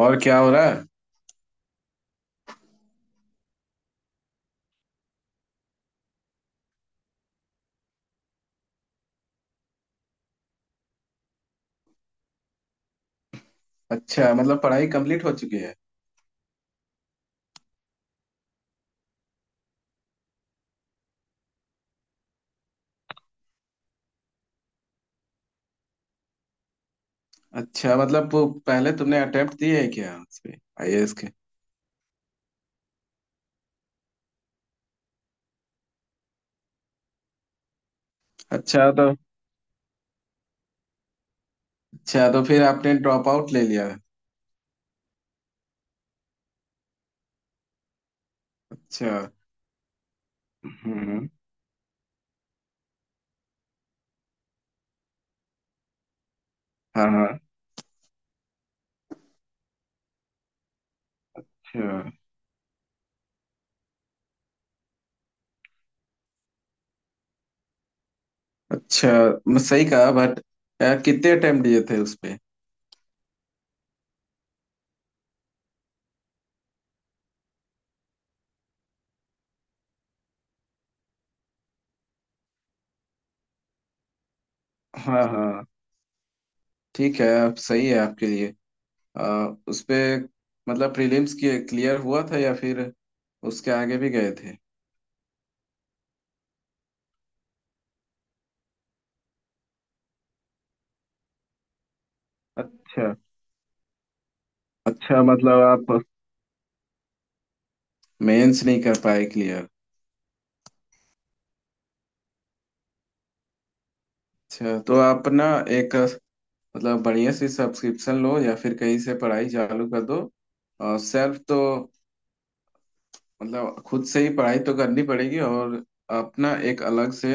और क्या हो रहा है। अच्छा मतलब पढ़ाई कंप्लीट हो चुकी है। अच्छा मतलब वो पहले तुमने अटेम्प्ट दिए है क्या उस पे IAS के। अच्छा तो अच्छा तो फिर आपने ड्रॉप आउट ले लिया है। अच्छा। हम्म। हाँ हाँ। अच्छा अच्छा। मैं सही कहा बट कितने अटेम्प्ट दिए थे उस पे। हाँ हाँ। ठीक है आप सही है आपके लिए। उस पे मतलब प्रीलिम्स क्लियर हुआ था या फिर उसके आगे भी गए थे। अच्छा। अच्छा मतलब आप मेंस नहीं कर पाए क्लियर। अच्छा तो आप ना एक मतलब बढ़िया सी सब्सक्रिप्शन लो या फिर कहीं से पढ़ाई चालू कर दो। और सेल्फ तो मतलब खुद से ही पढ़ाई तो करनी पड़ेगी और अपना एक अलग से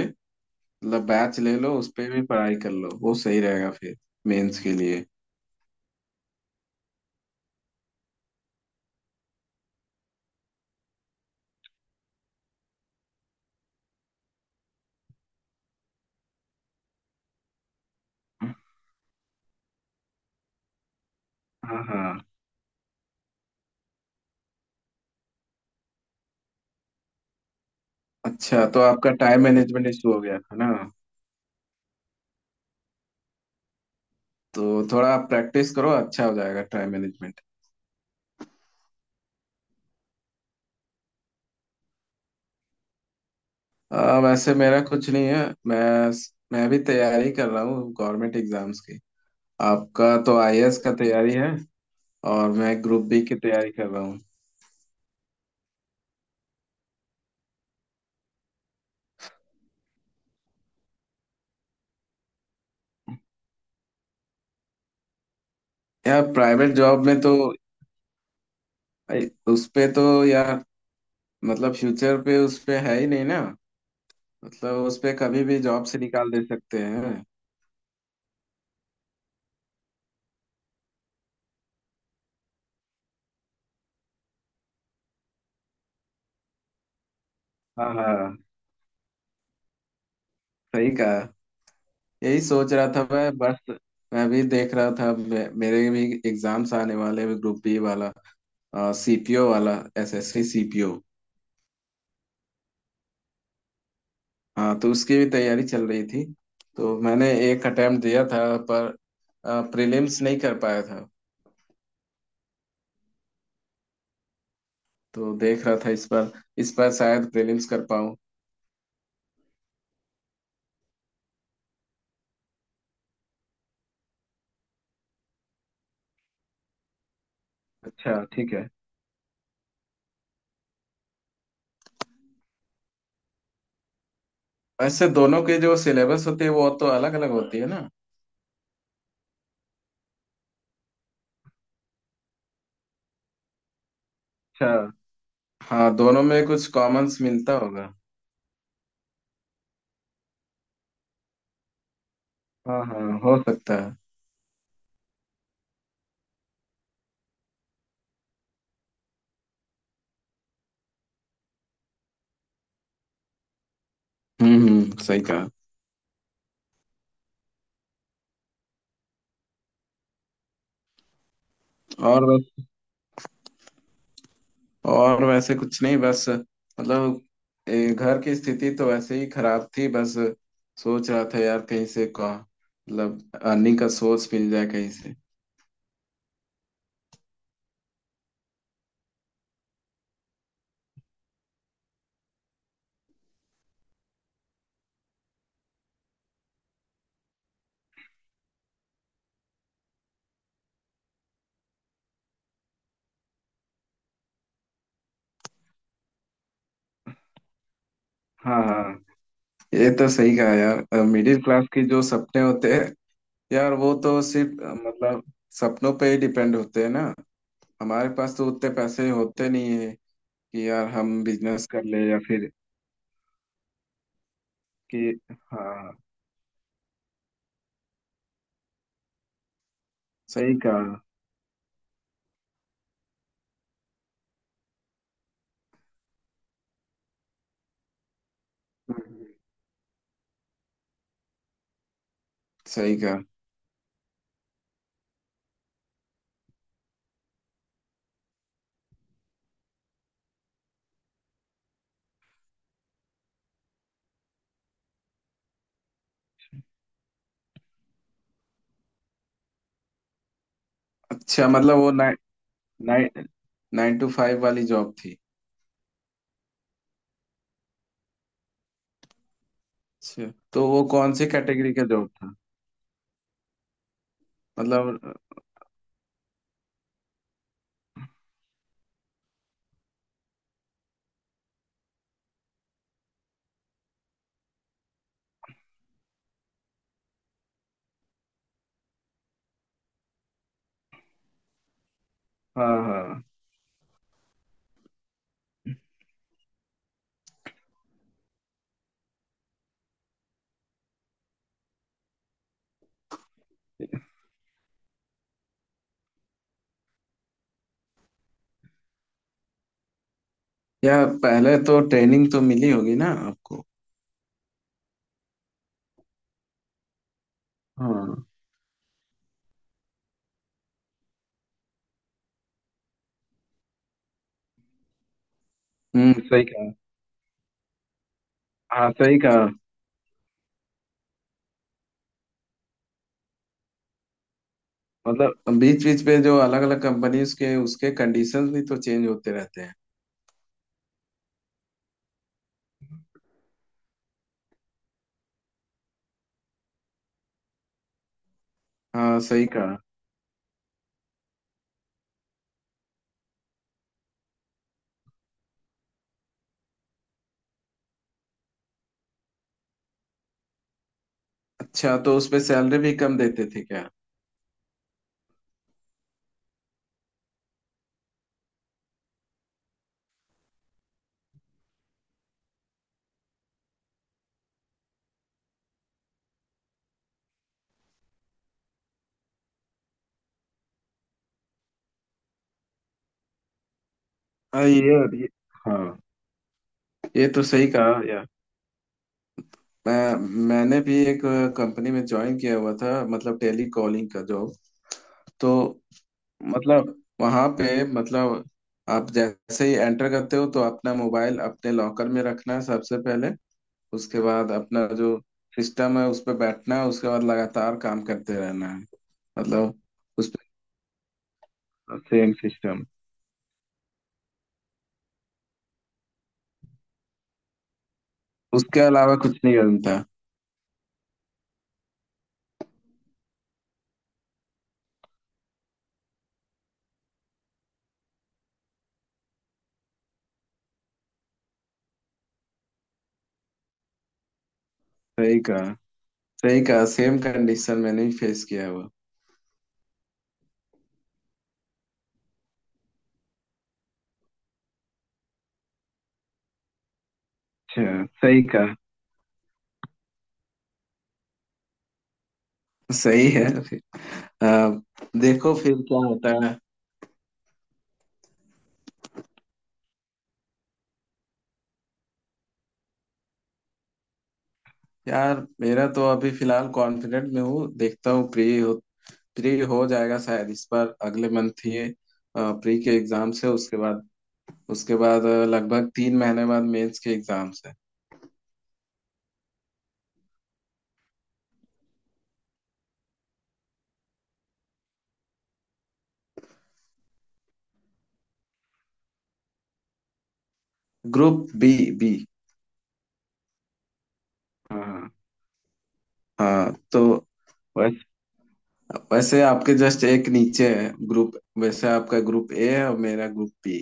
मतलब बैच ले लो उस पे भी पढ़ाई कर लो वो सही रहेगा फिर मेंस के लिए। हाँ हाँ। अच्छा तो आपका टाइम मैनेजमेंट इशू हो गया है ना। तो थोड़ा आप प्रैक्टिस करो अच्छा हो जाएगा टाइम मैनेजमेंट। वैसे मेरा कुछ नहीं है। मैं भी तैयारी कर रहा हूँ गवर्नमेंट एग्जाम्स की। आपका तो IAS का तैयारी है और मैं ग्रुप B की तैयारी कर रहा हूँ। यार प्राइवेट जॉब में तो उस पे तो यार मतलब फ्यूचर पे उस पे है ही नहीं ना। मतलब उस पे कभी भी जॉब से निकाल दे सकते हैं। हाँ हाँ सही कहा। यही सोच रहा था मैं बस। मैं भी देख रहा था, मेरे भी एग्जाम्स आने वाले हैं ग्रुप बी वाला, CPO वाला, SSC CPO। हाँ तो उसकी भी तैयारी चल रही थी, तो मैंने एक अटेम्प्ट दिया था पर प्रीलिम्स नहीं कर पाया था। तो देख रहा था इस बार, इस बार शायद प्रीलिम्स कर पाऊँ। अच्छा ठीक है। वैसे दोनों के जो सिलेबस होते हैं वो तो अलग अलग होती है ना। अच्छा। हाँ दोनों में कुछ कॉमन्स मिलता होगा। हाँ हाँ हो सकता सकता है। सही कहा। और और वैसे कुछ नहीं बस मतलब घर की स्थिति तो वैसे ही खराब थी बस। सोच रहा था यार कहीं से का मतलब अर्निंग का सोर्स मिल जाए कहीं से। हाँ हाँ। ये तो सही कहा यार। मिडिल क्लास के जो सपने होते हैं यार वो तो सिर्फ मतलब सपनों पे ही डिपेंड होते हैं ना। हमारे पास तो उतने पैसे होते नहीं है कि यार हम बिजनेस कर ले या फिर कि हाँ। सही कहा। हम्म। सही कहा। अच्छा मतलब वो 9 टू 5 वाली जॉब थी। अच्छा तो वो कौन सी कैटेगरी का जॉब था मतलब। हाँ हाँ। या पहले तो ट्रेनिंग तो मिली होगी ना आपको। हाँ। सही कहा। हाँ सही कहा। मतलब बीच बीच पे जो अलग अलग कंपनीज के उसके कंडीशंस भी तो चेंज होते रहते हैं। हाँ सही कहा। अच्छा तो उस पे सैलरी भी कम देते थे क्या। हाँ। ये हाँ, ये तो सही कहा यार। मैं मैंने भी एक कंपनी में ज्वाइन किया हुआ था मतलब टेली कॉलिंग का जॉब। तो मतलब वहां पे मतलब आप जैसे ही एंटर करते हो तो अपना मोबाइल अपने लॉकर में रखना है सबसे पहले। उसके बाद अपना जो सिस्टम है उस पर बैठना है, उसके बाद लगातार काम करते रहना है, मतलब उस पे सेम सिस्टम। उसके अलावा कुछ नहीं बनता। सही कहा। सही कहा, सेम कंडीशन मैंने भी फेस किया है वो। अच्छा। सही कहा। सही है फिर। आ, देखो फिर क्या होता है। यार मेरा तो अभी फिलहाल कॉन्फिडेंट में हूँ। देखता हूँ प्री प्री हो जाएगा शायद इस बार, अगले मंथ ये प्री के एग्जाम्स है उसके बाद। उसके बाद लगभग 3 महीने बाद मेंस के एग्जाम्स है। Group B. बी। हाँ। हाँ तो वैस, वैसे आपके जस्ट एक नीचे है ग्रुप, वैसे आपका ग्रुप A है और मेरा ग्रुप B।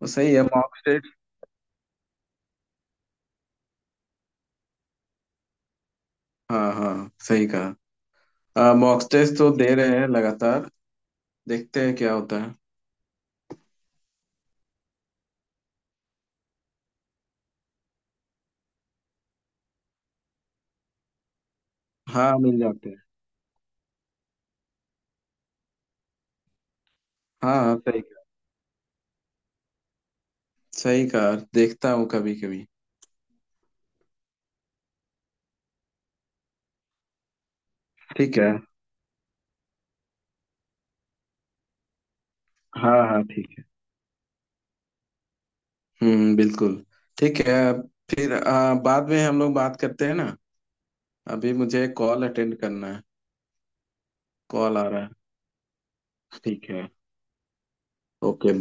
तो सही है मॉक टेस्ट। हाँ हाँ सही कहा। मॉक टेस्ट तो दे रहे हैं लगातार। देखते हैं क्या होता है। हाँ मिल जाते हैं। हाँ हाँ सही कहा। सही कहा, देखता हूँ कभी कभी। ठीक है। हाँ हाँ ठीक। बिल्कुल। ठीक है। फिर बाद में हम लोग बात करते हैं ना। अभी मुझे कॉल अटेंड करना है। कॉल आ रहा है। ठीक है। ओके।